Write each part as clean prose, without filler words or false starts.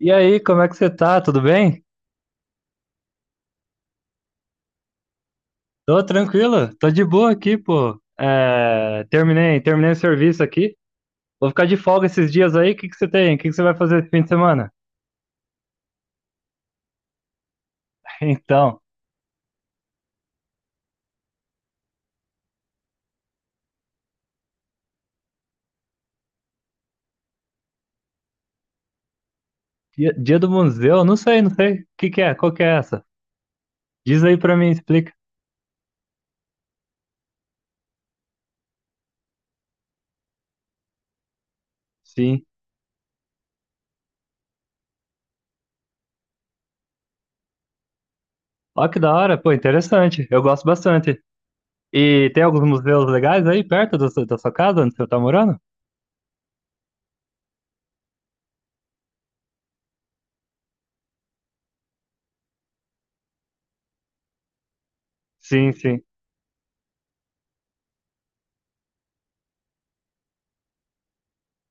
E aí, como é que você tá? Tudo bem? Tô tranquilo, tô de boa aqui, pô. É, terminei o serviço aqui. Vou ficar de folga esses dias aí. O que que você tem? O que que você vai fazer esse fim de semana? Então, dia do museu? Não sei, não sei. O que que é? Qual que é essa? Diz aí pra mim, explica. Sim. Ó, que da hora, pô, interessante. Eu gosto bastante. E tem alguns museus legais aí perto da sua casa, onde você tá morando? Sim, sim.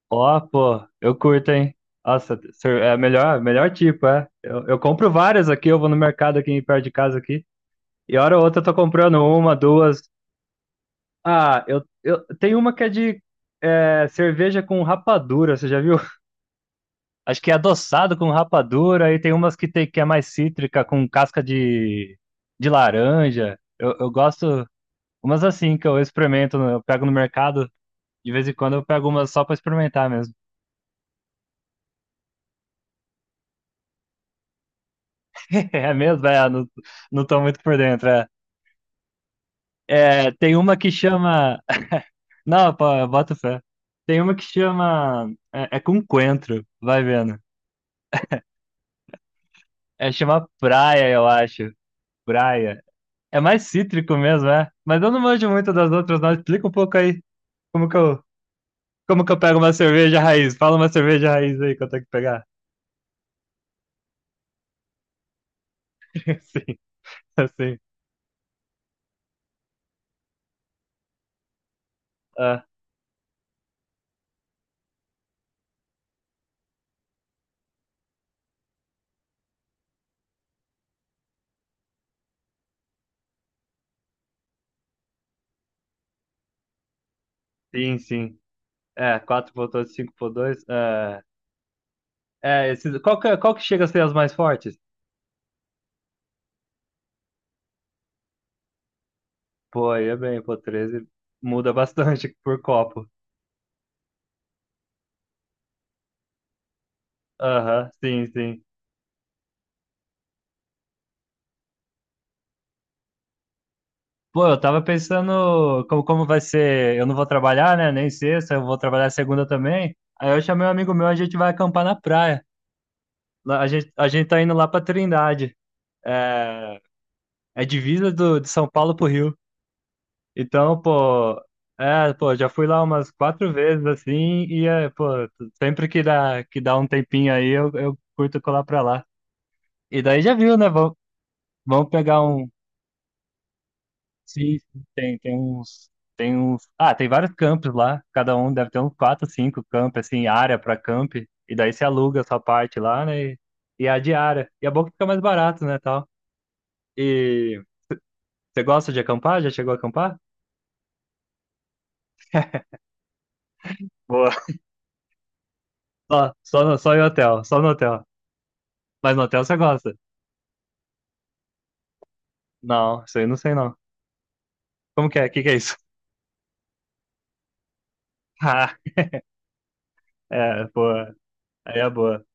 Ó, pô, eu curto, hein? Nossa, é melhor tipo, é. Eu compro várias aqui, eu vou no mercado aqui perto de casa aqui, e hora ou outra eu tô comprando uma, duas. Ah, eu tem uma que é de cerveja com rapadura, você já viu? Acho que é adoçado com rapadura, e tem umas que tem que é mais cítrica, com casca de laranja. Eu gosto umas assim que eu experimento, eu pego no mercado, de vez em quando eu pego umas só pra experimentar mesmo. É mesmo? É, não, não tô muito por dentro. É. É, tem uma que chama. Não, pô, bota fé. Tem uma que chama. É com coentro, vai vendo. É chama praia, eu acho. Praia. É mais cítrico mesmo, é. Mas eu não manjo muito das outras, não. Explica um pouco aí como que eu, como que eu pego uma cerveja raiz. Fala uma cerveja raiz aí que eu tenho que pegar. Sim, assim. Ah, sim, sim. É, 4,8, 5,2. É esses, qual que chega a ser as mais fortes? Pô, aí é bem, pô, 13 muda bastante por copo. Aham, sim, sim. Pô, eu tava pensando como vai ser. Eu não vou trabalhar, né? Nem sexta, eu vou trabalhar segunda também. Aí eu chamei um amigo meu, a gente vai acampar na praia. A gente tá indo lá pra Trindade. É, é divisa de São Paulo pro Rio. Então, pô, é, pô, já fui lá umas quatro vezes assim, e é, pô, sempre que dá um tempinho aí, eu curto colar pra lá. E daí já viu, né? Vamos pegar um. Sim, sim, tem vários campos lá, cada um deve ter uns quatro, cinco campos, assim, área para camp, e daí você aluga a sua parte lá, né, e a diária, e é bom que fica mais barato, né, tal. E você gosta de acampar? Já chegou a acampar? Boa. Só em hotel, só no hotel, mas no hotel você gosta? Não, isso aí eu não sei não. Como que é? O que que é isso? Ah, é, pô, aí é boa.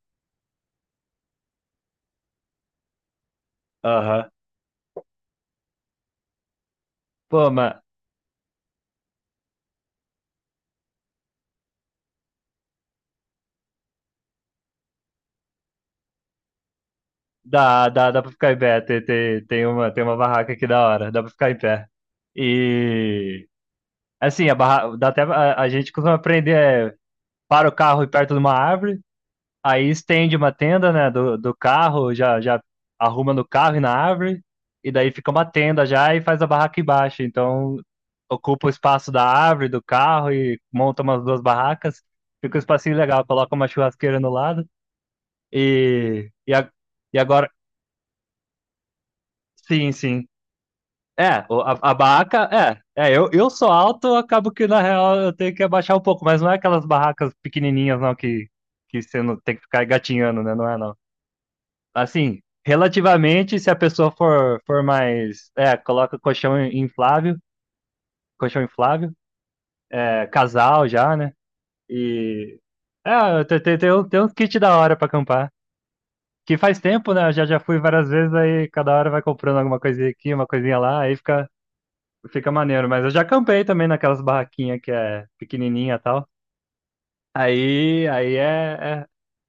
Aham. Pô, mas dá pra ficar em pé. Tem uma barraca aqui da hora. Dá pra ficar em pé. E assim, dá até a gente costuma aprender, é, para o carro perto de uma árvore, aí estende uma tenda, né, do carro, já já arruma no carro e na árvore, e daí fica uma tenda já e faz a barraca embaixo. Então, ocupa o espaço da árvore, do carro e monta umas duas barracas. Fica um espacinho legal, coloca uma churrasqueira no lado e e, a, e agora sim, sim. A barraca, eu sou alto, eu acabo que na real eu tenho que abaixar um pouco, mas não é aquelas barracas pequenininhas não que você não tem que ficar gatinhando, né? Não é não. Assim, relativamente, se a pessoa for, for mais, coloca inflável, colchão inflável, casal já, né? E, tem uns kits da hora pra acampar, que faz tempo, né? Eu já fui várias vezes, aí cada hora vai comprando alguma coisinha aqui, uma coisinha lá, aí fica Fica maneiro, mas eu já campei também naquelas barraquinhas que é pequenininha e tal. Aí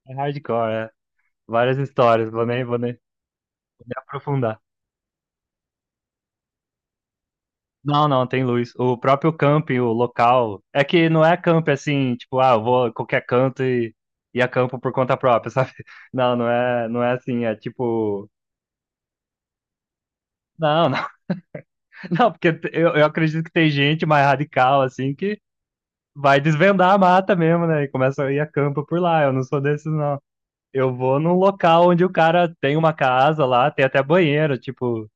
é hardcore, é. Várias histórias, vou nem aprofundar. Não, não, tem luz. O próprio camping, o local, é que não é camping assim, tipo, ah, eu vou a qualquer canto e acampo por conta própria, sabe? Não, não é assim, é tipo, não, não, não, porque eu acredito que tem gente mais radical, assim, que vai desvendar a mata mesmo, né? E começa a ir a campo por lá, eu não sou desses, não. Eu vou num local onde o cara tem uma casa lá, tem até banheiro, tipo.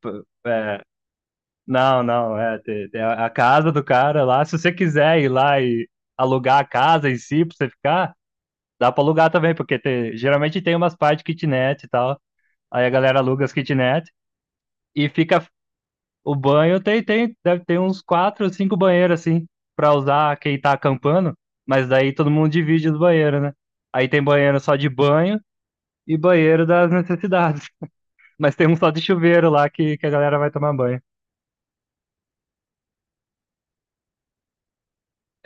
p- é, não, não, tem a casa do cara lá. Se você quiser ir lá e alugar a casa em si pra você ficar, dá pra alugar também, porque geralmente tem umas partes de kitnet e tal. Aí a galera aluga as kitnet e fica. O banho deve ter uns quatro ou cinco banheiros assim, pra usar quem tá acampando, mas daí todo mundo divide os banheiros, né? Aí tem banheiro só de banho e banheiro das necessidades. Mas tem um só de chuveiro lá que a galera vai tomar banho.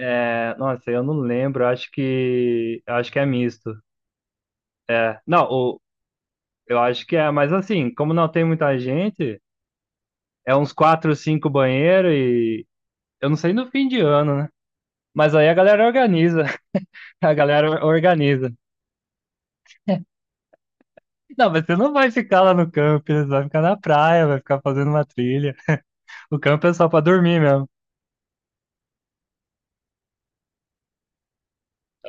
É, nossa, eu não lembro, acho que. Acho que é misto. É. Não, eu acho que é, mas assim, como não tem muita gente, é uns quatro, cinco banheiros e. Eu não sei no fim de ano, né? Mas aí a galera organiza. A galera organiza. Não, mas você não vai ficar lá no camping, você vai ficar na praia, vai ficar fazendo uma trilha. O campo é só pra dormir mesmo.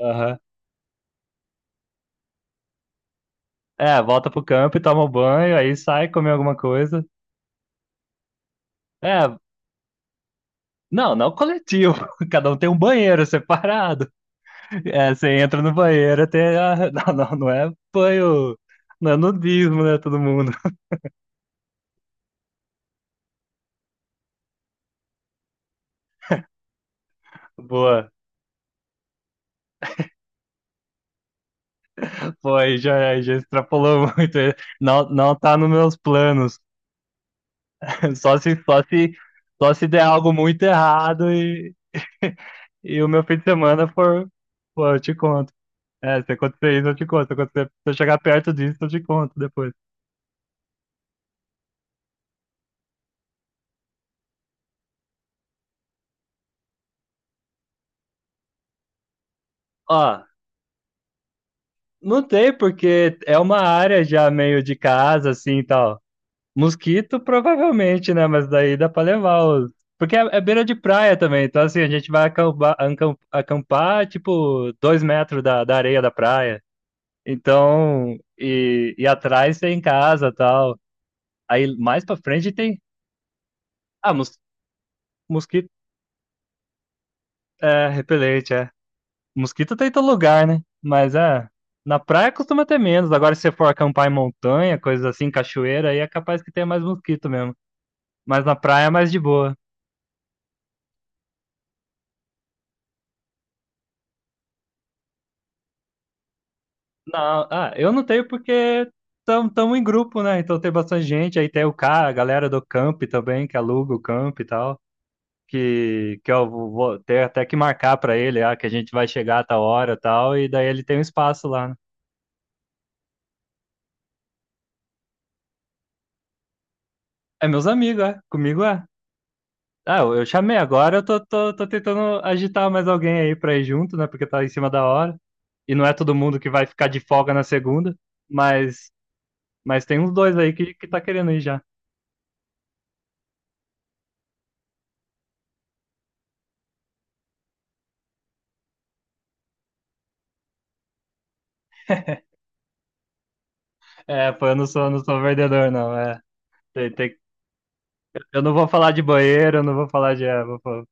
Aham. É, volta pro campo e toma um banho, aí sai comer alguma coisa. É, não, não coletivo. Cada um tem um banheiro separado. É, você entra no banheiro até. Não, não, não é banho. Não é nudismo, né, todo mundo? Boa. Foi, já, já extrapolou muito. Não, não tá nos meus planos. Só se, só se, só se der algo muito errado e, e o meu fim de semana for. Pô, eu te conto. É, se acontecer isso, eu te conto. Se eu chegar perto disso, eu te conto depois. Ó, não tem, porque é uma área já meio de casa, assim e tal. Mosquito, provavelmente, né? Mas daí dá pra levar os. Porque é beira de praia também, então assim, a gente vai acampar, acampar, tipo, 2 metros da areia da praia. Então, e atrás tem casa e tal. Aí mais pra frente tem. Ah, mosquito é repelente, é. Mosquito tem em todo lugar, né? Mas é. Na praia costuma ter menos. Agora, se você for acampar em montanha, coisas assim, cachoeira, aí é capaz que tenha mais mosquito mesmo. Mas na praia é mais de boa. Não, eu não tenho porque estamos em grupo, né? Então tem bastante gente. Aí tem o cara, a galera do camp também, que aluga o camp e tal. Que eu vou ter até que marcar pra ele, ah, que a gente vai chegar a tal hora e tal. E daí ele tem um espaço lá, né? É meus amigos, é. Comigo é. Ah, eu chamei agora, eu tô tentando agitar mais alguém aí pra ir junto, né? Porque tá em cima da hora. E não é todo mundo que vai ficar de folga na segunda, mas, mas tem uns dois aí que tá querendo ir já. É, pô, eu não sou vendedor, não. É, tem, tem, eu não vou falar de banheiro, eu não vou falar de.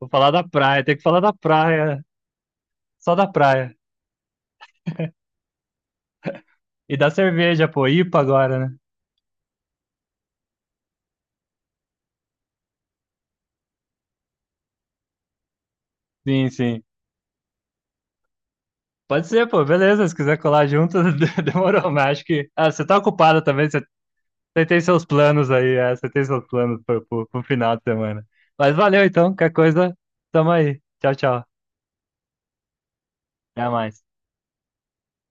Vou falar da praia, tem que falar da praia, só da praia. E da cerveja, pô, IPA agora, né? Sim, sim. Pode ser, pô, beleza. Se quiser colar junto, demorou, mas acho que. Ah, você tá ocupado também, Você tem seus planos aí, você tem seus planos pro, pro final de semana. Mas valeu então, qualquer coisa, tamo aí. Tchau, tchau. Até mais.